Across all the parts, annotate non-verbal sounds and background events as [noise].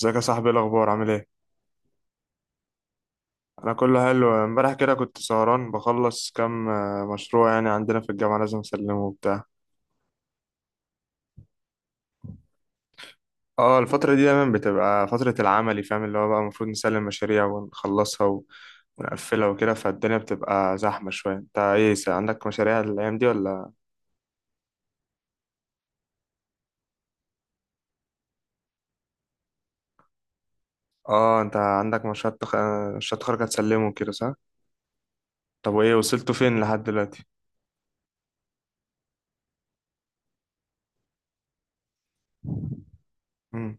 ازيك يا صاحبي؟ ايه الاخبار؟ عامل ايه؟ انا كله حلو. امبارح كده كنت سهران بخلص كام مشروع، يعني عندنا في الجامعه لازم اسلمه وبتاع. اه الفتره دي دايما بتبقى فتره العملي، فاهم؟ اللي هو بقى المفروض نسلم مشاريع ونخلصها ونقفلها وكده، فالدنيا بتبقى زحمه شويه. انت ايه، عندك مشاريع الايام دي ولا؟ اه انت عندك مشروع تخرج هتسلمه كده، صح؟ طب وايه، وصلتوا فين لحد دلوقتي؟ مم.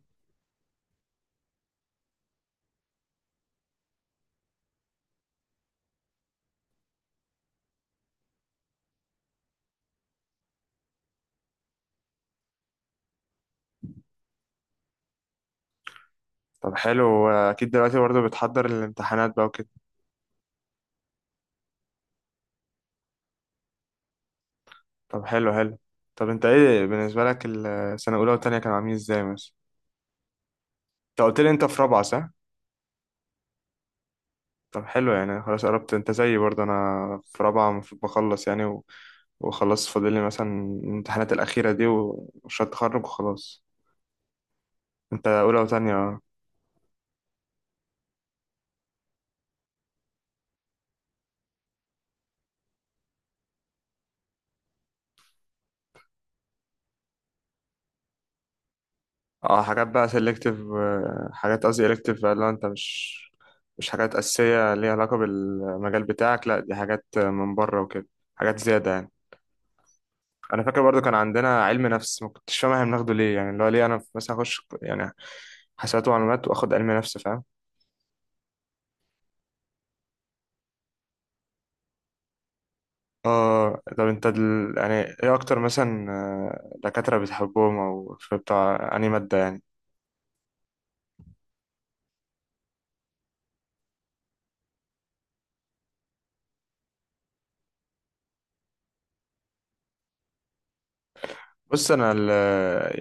طب حلو، اكيد دلوقتي برضه بتحضر الامتحانات بقى وكده. طب حلو حلو. طب انت ايه بالنسبة لك السنة الأولى والتانية كانوا عاملين ازاي مثلا؟ انت قلت لي انت في رابعة، صح؟ طب حلو، يعني خلاص قربت، انت زيي برضه. انا في رابعة، المفروض بخلص يعني وخلاص فاضل لي مثلا الامتحانات الأخيرة دي ومشروع التخرج وخلاص. انت أولى وتانية، اه. اه حاجات بقى سيلكتيف، حاجات قصدي إلكتيف بقى، اللي هو انت مش مش حاجات أساسية ليها علاقة بالمجال بتاعك، لا دي حاجات من بره وكده، حاجات زيادة يعني. انا فاكر برضو كان عندنا علم نفس، ما كنتش فاهم احنا بناخده ليه يعني، اللي هو ليه انا مثلا اخش يعني حسابات ومعلومات واخد علم نفس، فاهم؟ اه طب انت يعني ايه اكتر مثلا دكاترة بتحبهم، او في بتاع انهي مادة يعني؟ بص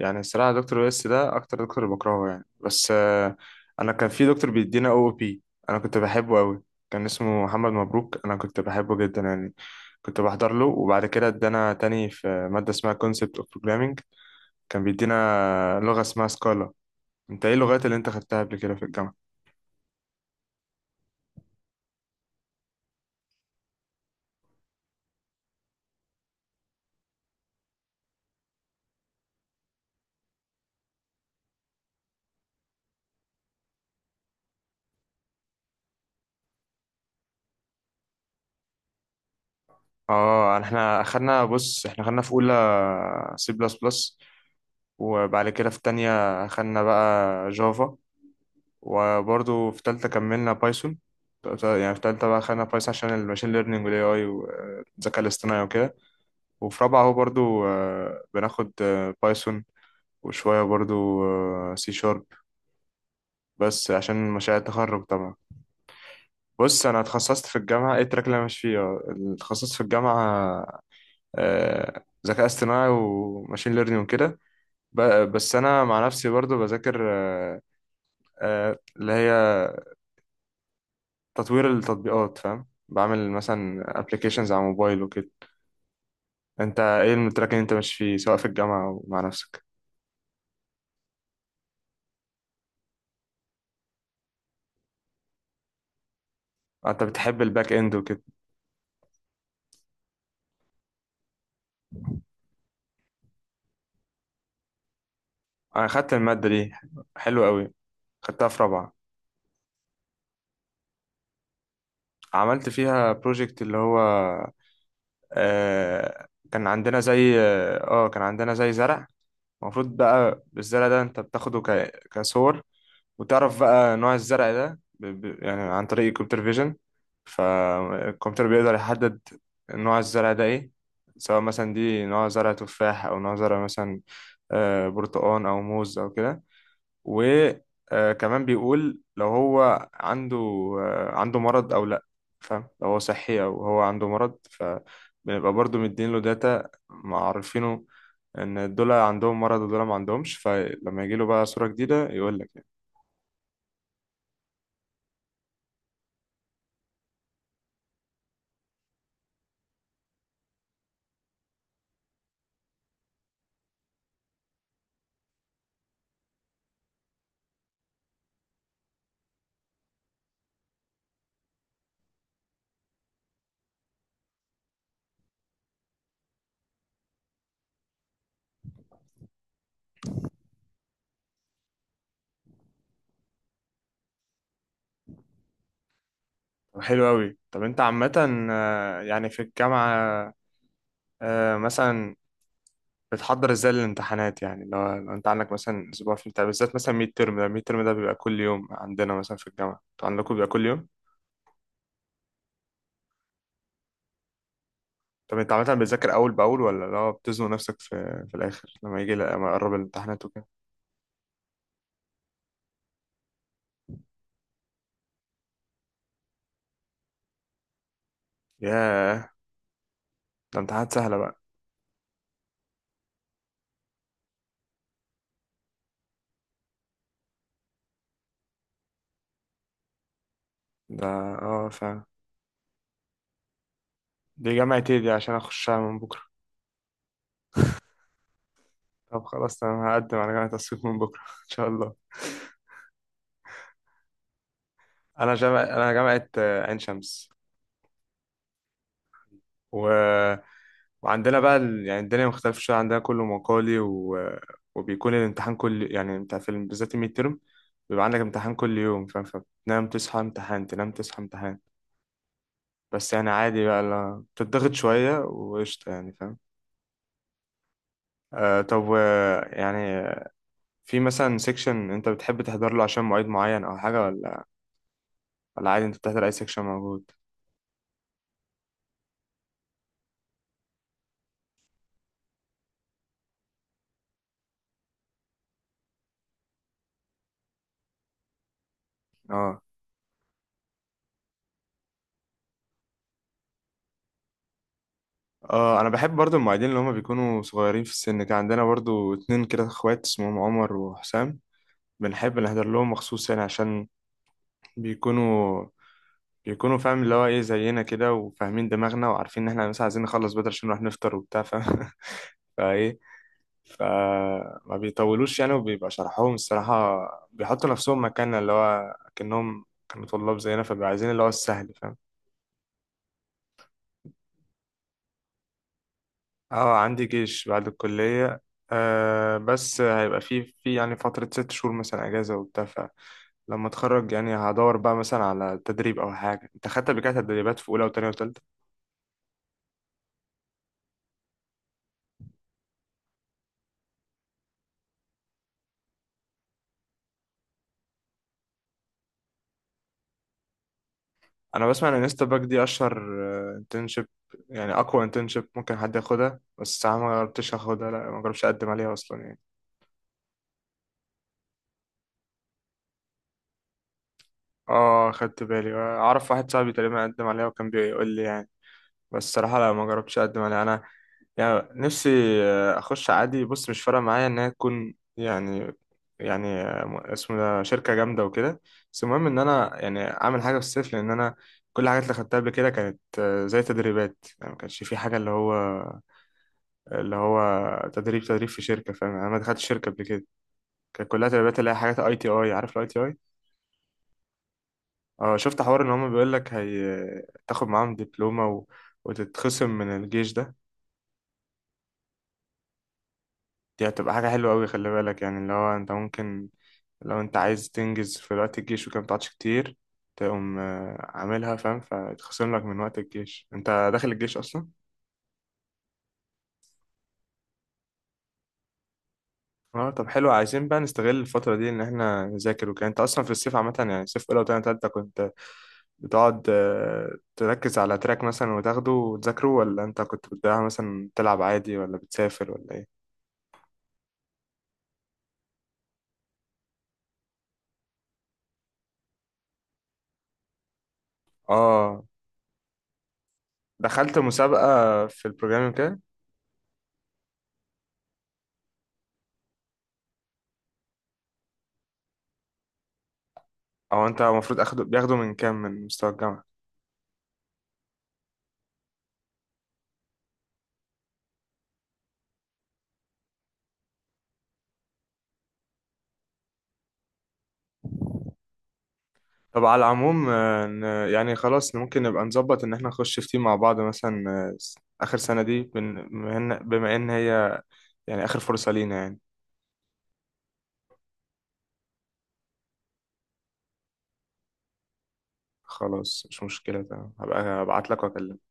يعني الصراحة دكتور ويس ده اكتر دكتور بكرهه يعني، بس انا كان في دكتور بيدينا او بي، انا كنت بحبه قوي. كان اسمه محمد مبروك، انا كنت بحبه جدا يعني. كنت بحضر له، وبعد كده ادانا تاني في مادة اسمها concept of programming. كان بيدينا لغة اسمها سكالا. انت ايه اللغات اللي انت خدتها قبل كده في الجامعة؟ اه احنا اخدنا، بص احنا خدنا في اولى سي بلس بلس، وبعد كده في تانية خدنا بقى جافا، وبرضو في تالتة كملنا بايثون. يعني في تالتة بقى خدنا بايثون عشان الماشين ليرنينج والاي اي والذكاء الاصطناعي وكده. وفي رابعة هو برضو بناخد بايثون وشوية برضو سي شارب، بس عشان مشاريع التخرج طبعا. بص انا اتخصصت في الجامعه، ايه التراك اللي انا ماشي فيه؟ اتخصصت في الجامعه ذكاء اصطناعي وماشين ليرنينج وكده. بس انا مع نفسي برضو بذاكر اللي هي تطوير التطبيقات، فاهم؟ بعمل مثلا ابلكيشنز على موبايل وكده. انت ايه التراك اللي انت ماشي فيه، سواء في الجامعه او مع نفسك؟ انت بتحب الباك اند وكده. انا خدت الماده دي، حلوه قوي، خدتها في رابعه. عملت فيها بروجكت، اللي هو كان عندنا زي اه، كان عندنا زي زرع. المفروض بقى بالزرع ده انت كصور، وتعرف بقى نوع الزرع ده يعني عن طريق الكمبيوتر فيجن. فالكمبيوتر بيقدر يحدد نوع الزرع ده ايه، سواء مثلا دي نوع زرع تفاح، او نوع زرع مثلا برتقال او موز او كده. وكمان بيقول لو هو عنده عنده مرض او لا، فاهم؟ لو هو صحي او هو عنده مرض. فبنبقى برضو مدين له داتا معرفينه ان دول عندهم مرض ودول ما عندهمش، فلما يجي له بقى صورة جديدة يقول لك يعني. طب حلو قوي. طب انت عامة يعني في الجامعة مثلا بتحضر ازاي للامتحانات؟ يعني لو انت عندك مثلا اسبوع في امتحان، بالذات مثلا ميد ترم. ده ميد ترم ده بيبقى كل يوم عندنا مثلا في الجامعة، انتوا عندكم بيبقى كل يوم؟ طب انت عامة بتذاكر اول باول، ولا لا بتزنق نفسك في الاخر لما يجي، لما يقرب الامتحانات وكده؟ ياه، ده امتحانات سهلة بقى. ده اه فعلا. دي جامعة ايه دي عشان اخشها من بكرة؟ طب خلاص تمام، هقدم على جامعة اسيوط من بكرة [laughs] ان شاء الله. انا جامعة عين شمس. و... وعندنا بقى يعني الدنيا مختلفة شوية عندنا، كله مقالي وبيكون الامتحان كل، يعني انت في بالذات الميد ترم بيبقى عندك امتحان كل يوم، فاهم؟ فبتنام تصحى امتحان، تنام تصحى امتحان. بس يعني عادي بقى، لا بتضغط شوية وقشطة يعني، فاهم؟ آه طب يعني في مثلا سيكشن انت بتحب تحضر له عشان مواعيد معين او حاجة، ولا ولا عادي انت بتحضر اي سيكشن موجود؟ اه اه انا بحب برضو المعيدين اللي هما بيكونوا صغيرين في السن. كان عندنا برضو اتنين كده اخوات اسمهم عمر وحسام، بنحب نحضر لهم مخصوص يعني، عشان بيكونوا بيكونوا فاهم اللي هو ايه، زينا كده، وفاهمين دماغنا، وعارفين ان احنا مثلا عايزين نخلص بدري عشان نروح نفطر وبتاع، فاهم؟ [laughs] فايه، فما بيطولوش يعني، وبيبقى شرحهم الصراحة بيحطوا نفسهم مكاننا، اللي هو كأنهم كانوا طلاب زينا، فبيبقوا عايزين اللي هو السهل، فاهم؟ اه عندي جيش بعد الكلية. آه بس هيبقى في يعني فترة 6 شهور مثلا أجازة وبتاع. فلما أتخرج يعني هدور بقى مثلا على تدريب أو حاجة. أنت خدت قبل كده تدريبات في أولى وتانية وتالتة؟ أنا بسمع إن انستا باك دي أشهر انترنشيب، يعني أقوى انترنشيب ممكن حد ياخدها، بس أنا ما جربتش أخدها. لا ما جربتش أقدم عليها أصلا يعني. اه خدت بالي، اعرف واحد صاحبي تقريبا قدم عليها وكان بيقول لي يعني. بس الصراحه لا، ما جربتش اقدم عليها انا. يعني نفسي اخش عادي. بص مش فارقه معايا ان هي تكون يعني، يعني اسمه ده شركه جامده وكده، بس المهم ان انا يعني اعمل حاجه في الصيف، لان انا كل الحاجات اللي خدتها قبل كده كانت زي تدريبات يعني، ما كانش في حاجه اللي هو تدريب في شركه، فاهم يعني؟ انا ما دخلتش شركه قبل كده، كانت كلها تدريبات، اللي هي حاجات اي تي اي. عارف الاي تي اي؟ اه شفت حوار ان هما بيقول لك هي تاخد معاهم دبلومة وتتخصم من الجيش ده. دي هتبقى حاجة حلوة قوي، خلي بالك يعني، اللي هو انت ممكن لو انت عايز تنجز في وقت الجيش وكده متقعدش كتير، تقوم عاملها، فاهم؟ فيتخصم لك من وقت الجيش، انت داخل الجيش اصلا. اه طب حلو، عايزين بقى نستغل الفترة دي ان احنا نذاكر وكده. انت اصلا في الصيف عامة يعني صيف اولى وتانية تالتة كنت بتقعد تركز على تراك مثلا وتاخده وتذاكره، ولا انت كنت بتضيعها مثلا تلعب عادي، ولا بتسافر، ولا ايه؟ اه دخلت مسابقة في البروجرامينج كده. أو أنت المفروض أخده، بياخدوا من كام من مستوى الجامعة؟ طب على العموم يعني خلاص ممكن نبقى نظبط إن احنا نخش في تيم مع بعض مثلا، آخر سنة دي، بما إن هي يعني آخر فرصة لينا يعني. خلاص مش مشكلة، تمام، هبقى أبعت لك وأكلمك.